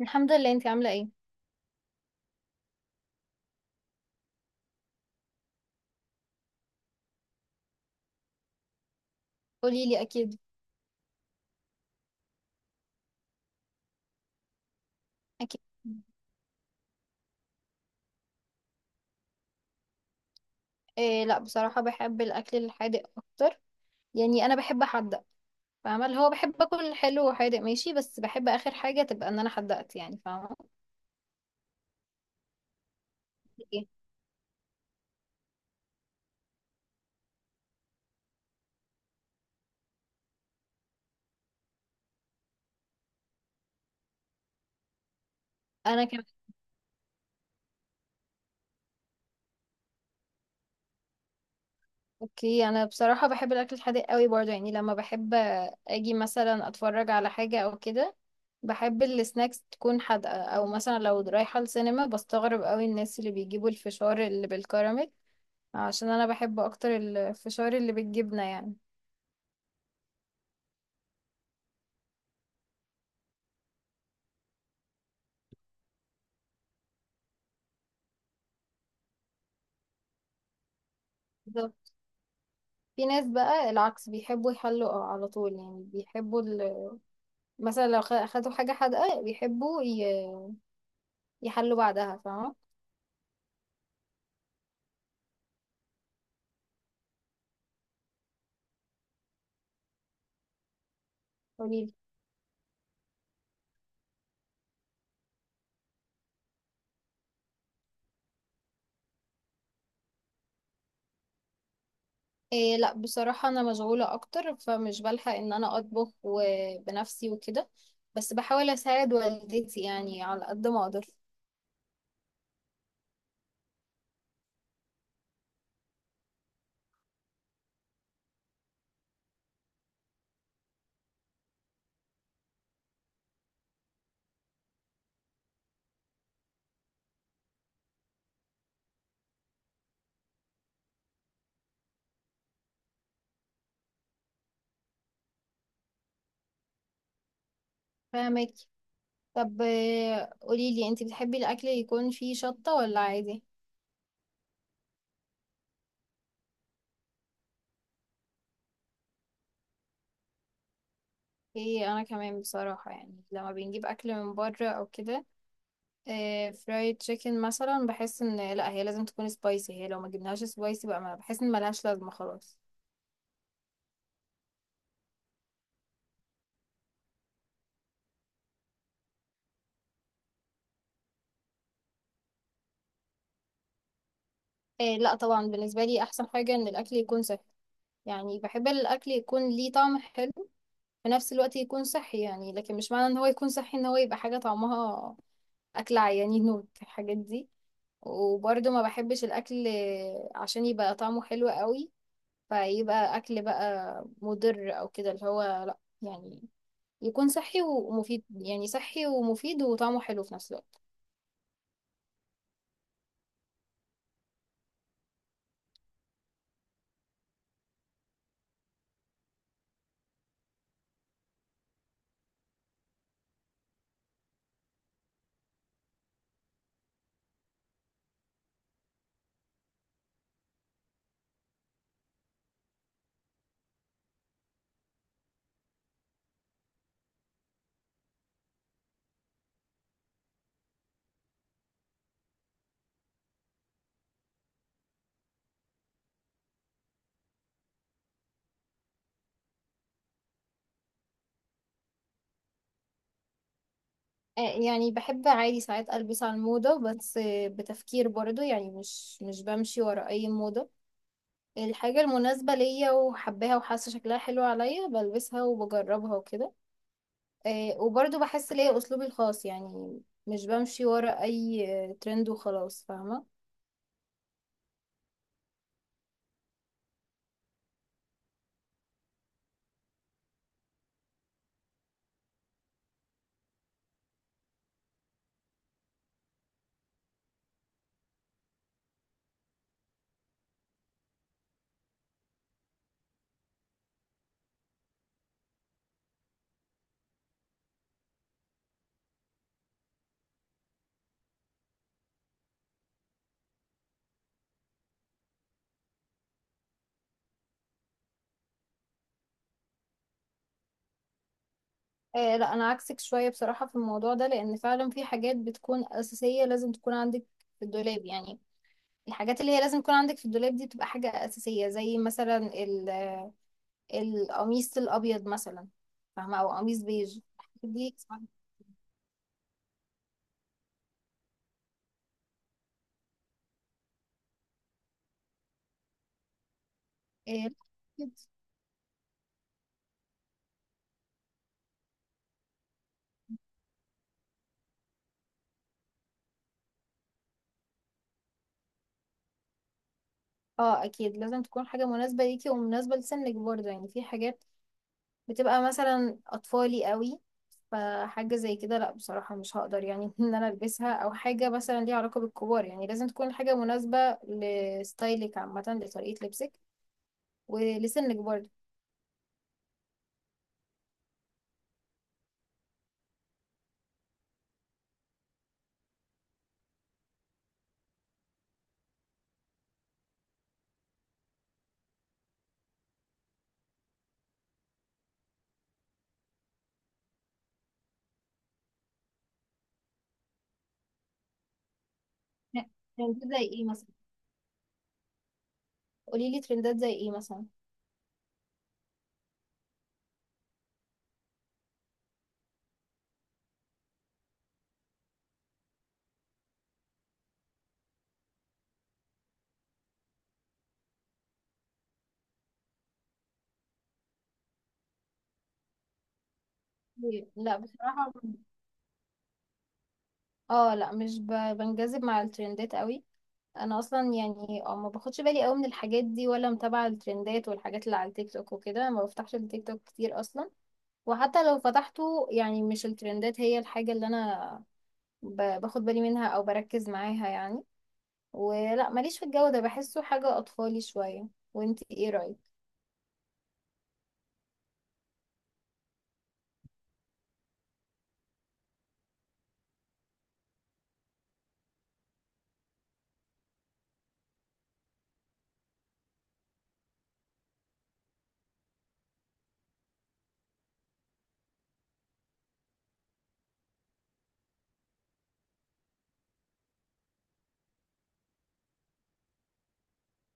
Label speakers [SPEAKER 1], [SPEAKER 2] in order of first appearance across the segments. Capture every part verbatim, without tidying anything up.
[SPEAKER 1] الحمد لله، انتي عاملة ايه؟ قولي لي، اكيد. اكيد. إيه، لا بصراحة بحب الاكل الحادق اكتر. يعني انا بحب احدق. فاهمة؟ اللي هو بحب اكل حلو وحادق ماشي بس بحب اخر حاجة تبقى ان انا حدقت، يعني فاهمة؟ ايه، انا كمان. اوكي، انا بصراحة بحب الاكل الحادق قوي برضه، يعني لما بحب اجي مثلا اتفرج على حاجة او كده، بحب السناكس تكون حادقة، او مثلا لو رايحة السينما بستغرب قوي الناس اللي بيجيبوا الفشار اللي بالكراميل. عشان انا بحب اكتر الفشار اللي بالجبنة يعني. بالظبط. في ناس بقى العكس بيحبوا يحلوا على طول، يعني بيحبوا ال... مثلا لو خ- خدوا حاجة حادقة بيحبوا ي... يحلوا بعدها، فاهمة؟ قوليلي. إيه، لا بصراحة أنا مشغولة أكتر فمش بلحق إن أنا أطبخ و... بنفسي وكده، بس بحاول أساعد والدتي يعني على قد ما أقدر. فاهمك. طب إيه، قوليلي أنتي بتحبي الأكل يكون فيه شطة ولا عادي؟ إيه، أنا كمان بصراحة يعني لما بنجيب أكل من بره أو كده، آه، فرايد تشيكن مثلا بحس ان لا هي لازم تكون سبايسي، هي لو ما جبناهاش سبايسي بقى ما بحس ان ملهاش لازمه خلاص. إيه، لا طبعا بالنسبه لي احسن حاجه ان الاكل يكون صحي. يعني بحب الاكل يكون ليه طعم حلو في نفس الوقت يكون صحي، يعني لكن مش معنى ان هو يكون صحي ان هو يبقى حاجه طعمها اكل عيانين نوت الحاجات دي. وبرضه ما بحبش الاكل عشان يبقى طعمه حلو قوي فيبقى اكل بقى مضر او كده، اللي هو لا، يعني يكون صحي ومفيد، يعني صحي ومفيد وطعمه حلو في نفس الوقت. آه، يعني بحب عادي ساعات ألبس على الموضة، بس آه، بتفكير برضو، يعني مش مش بمشي ورا أي موضة. الحاجة المناسبة ليا وحباها وحاسة شكلها حلو عليا بلبسها وبجربها وكده. آه، وبرضو بحس ليا أسلوبي الخاص يعني، مش بمشي ورا أي آه، ترند وخلاص، فاهمة؟ آه، لا أنا عكسك شوية بصراحة في الموضوع ده، لأن فعلا في حاجات بتكون أساسية لازم تكون عندك في الدولاب يعني. الحاجات اللي هي لازم يكون عندك في الدولاب دي بتبقى حاجة أساسية، زي مثلا ال... القميص الأبيض مثلا. فاهمة؟ أو قميص بيج. دي. إيه، أكيد. اه أكيد، لازم تكون حاجة مناسبة ليكي ومناسبة لسنك برضه، يعني في حاجات بتبقى مثلا أطفالي قوي، فحاجة زي كده لأ بصراحة مش هقدر يعني إن أنا ألبسها، أو حاجة مثلا ليها علاقة بالكبار، يعني لازم تكون حاجة مناسبة لستايلك عامة، لطريقة لبسك ولسنك برضه يعني. ترندات زي ايه مثلا؟ قولي لي، ترندات زي ايه مثلا؟ لا بصراحة، اه لا مش ب- بنجذب مع الترندات قوي. انا اصلا يعني اه ما باخدش بالي قوي من الحاجات دي، ولا متابعة الترندات والحاجات اللي على التيك توك وكده، ما بفتحش التيك توك كتير اصلا. وحتى لو فتحته، يعني مش الترندات هي الحاجة اللي انا ب- باخد بالي منها او بركز معاها يعني. ولا ماليش في الجو ده، بحسه حاجة اطفالي شوية. وانتي ايه رأيك؟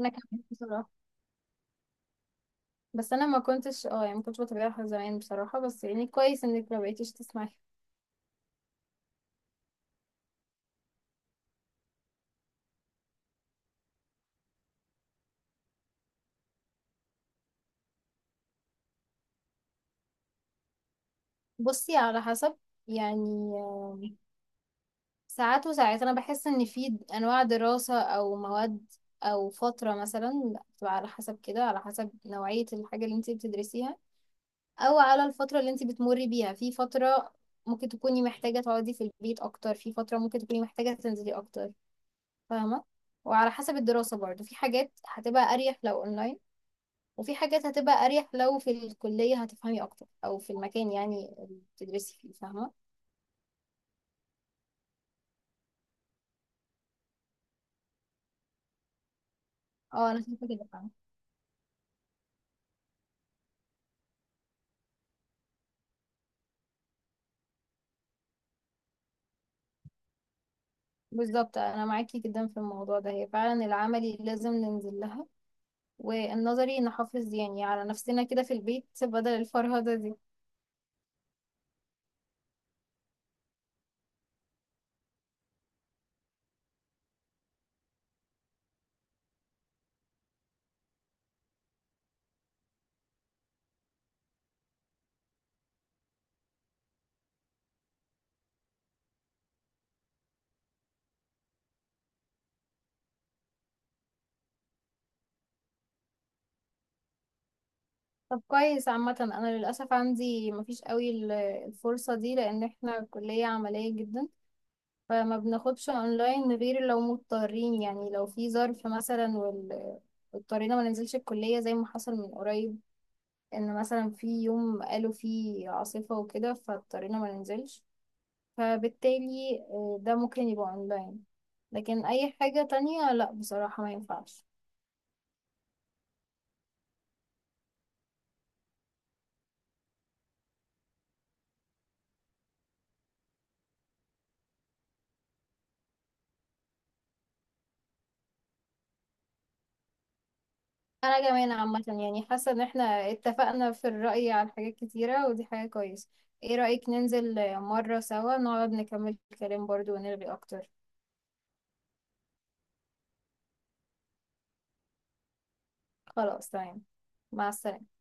[SPEAKER 1] انا كمان بصراحة. بس انا ما كنتش اه يعني ما كنتش بتابعها زمان بصراحة، بس يعني كويس انك ما بقيتيش تسمعي. بصي، على حسب. يعني ساعات وساعات انا بحس ان في انواع دراسة او مواد او فترة مثلا بتبقى على حسب كده، على حسب نوعية الحاجة اللي انت بتدرسيها، او على الفترة اللي انت بتمري بيها. في فترة ممكن تكوني محتاجة تقعدي في البيت اكتر، في فترة ممكن تكوني محتاجة تنزلي اكتر، فاهمة؟ وعلى حسب الدراسة برضه، في حاجات هتبقى اريح لو اونلاين، وفي حاجات هتبقى اريح لو في الكلية، هتفهمي اكتر او في المكان يعني اللي بتدرسي فيه، فاهمة؟ اه انا شايفة كده، فاهمة. بالظبط، انا معاكي جدا في الموضوع ده، هي فعلا العملي لازم ننزل لها، والنظري نحافظ يعني على نفسنا كده في البيت بدل الفرهدة دي. طب كويس عامة، انا للأسف عندي مفيش قوي ال- الفرصة دي، لان احنا كلية عملية جدا، فما بناخدش اونلاين غير لو مضطرين، يعني لو في ظرف مثلا وال اضطرينا ما ننزلش الكلية زي ما حصل من قريب. ان مثلا في يوم قالوا فيه عاصفة وكده فاضطرينا ما ننزلش، فبالتالي آه، ده ممكن يبقى اونلاين. لكن اي حاجة تانية لا بصراحة ما ينفعش. انا كمان عامة، يعني حاسة ان احنا اتفقنا في الرأي على حاجات كتيرة، ودي حاجة كويسة. ايه رأيك ننزل آه، مرة سوا نقعد نكمل الكلام برضو ونرغي اكتر؟ خلاص تمام. مع السلامة.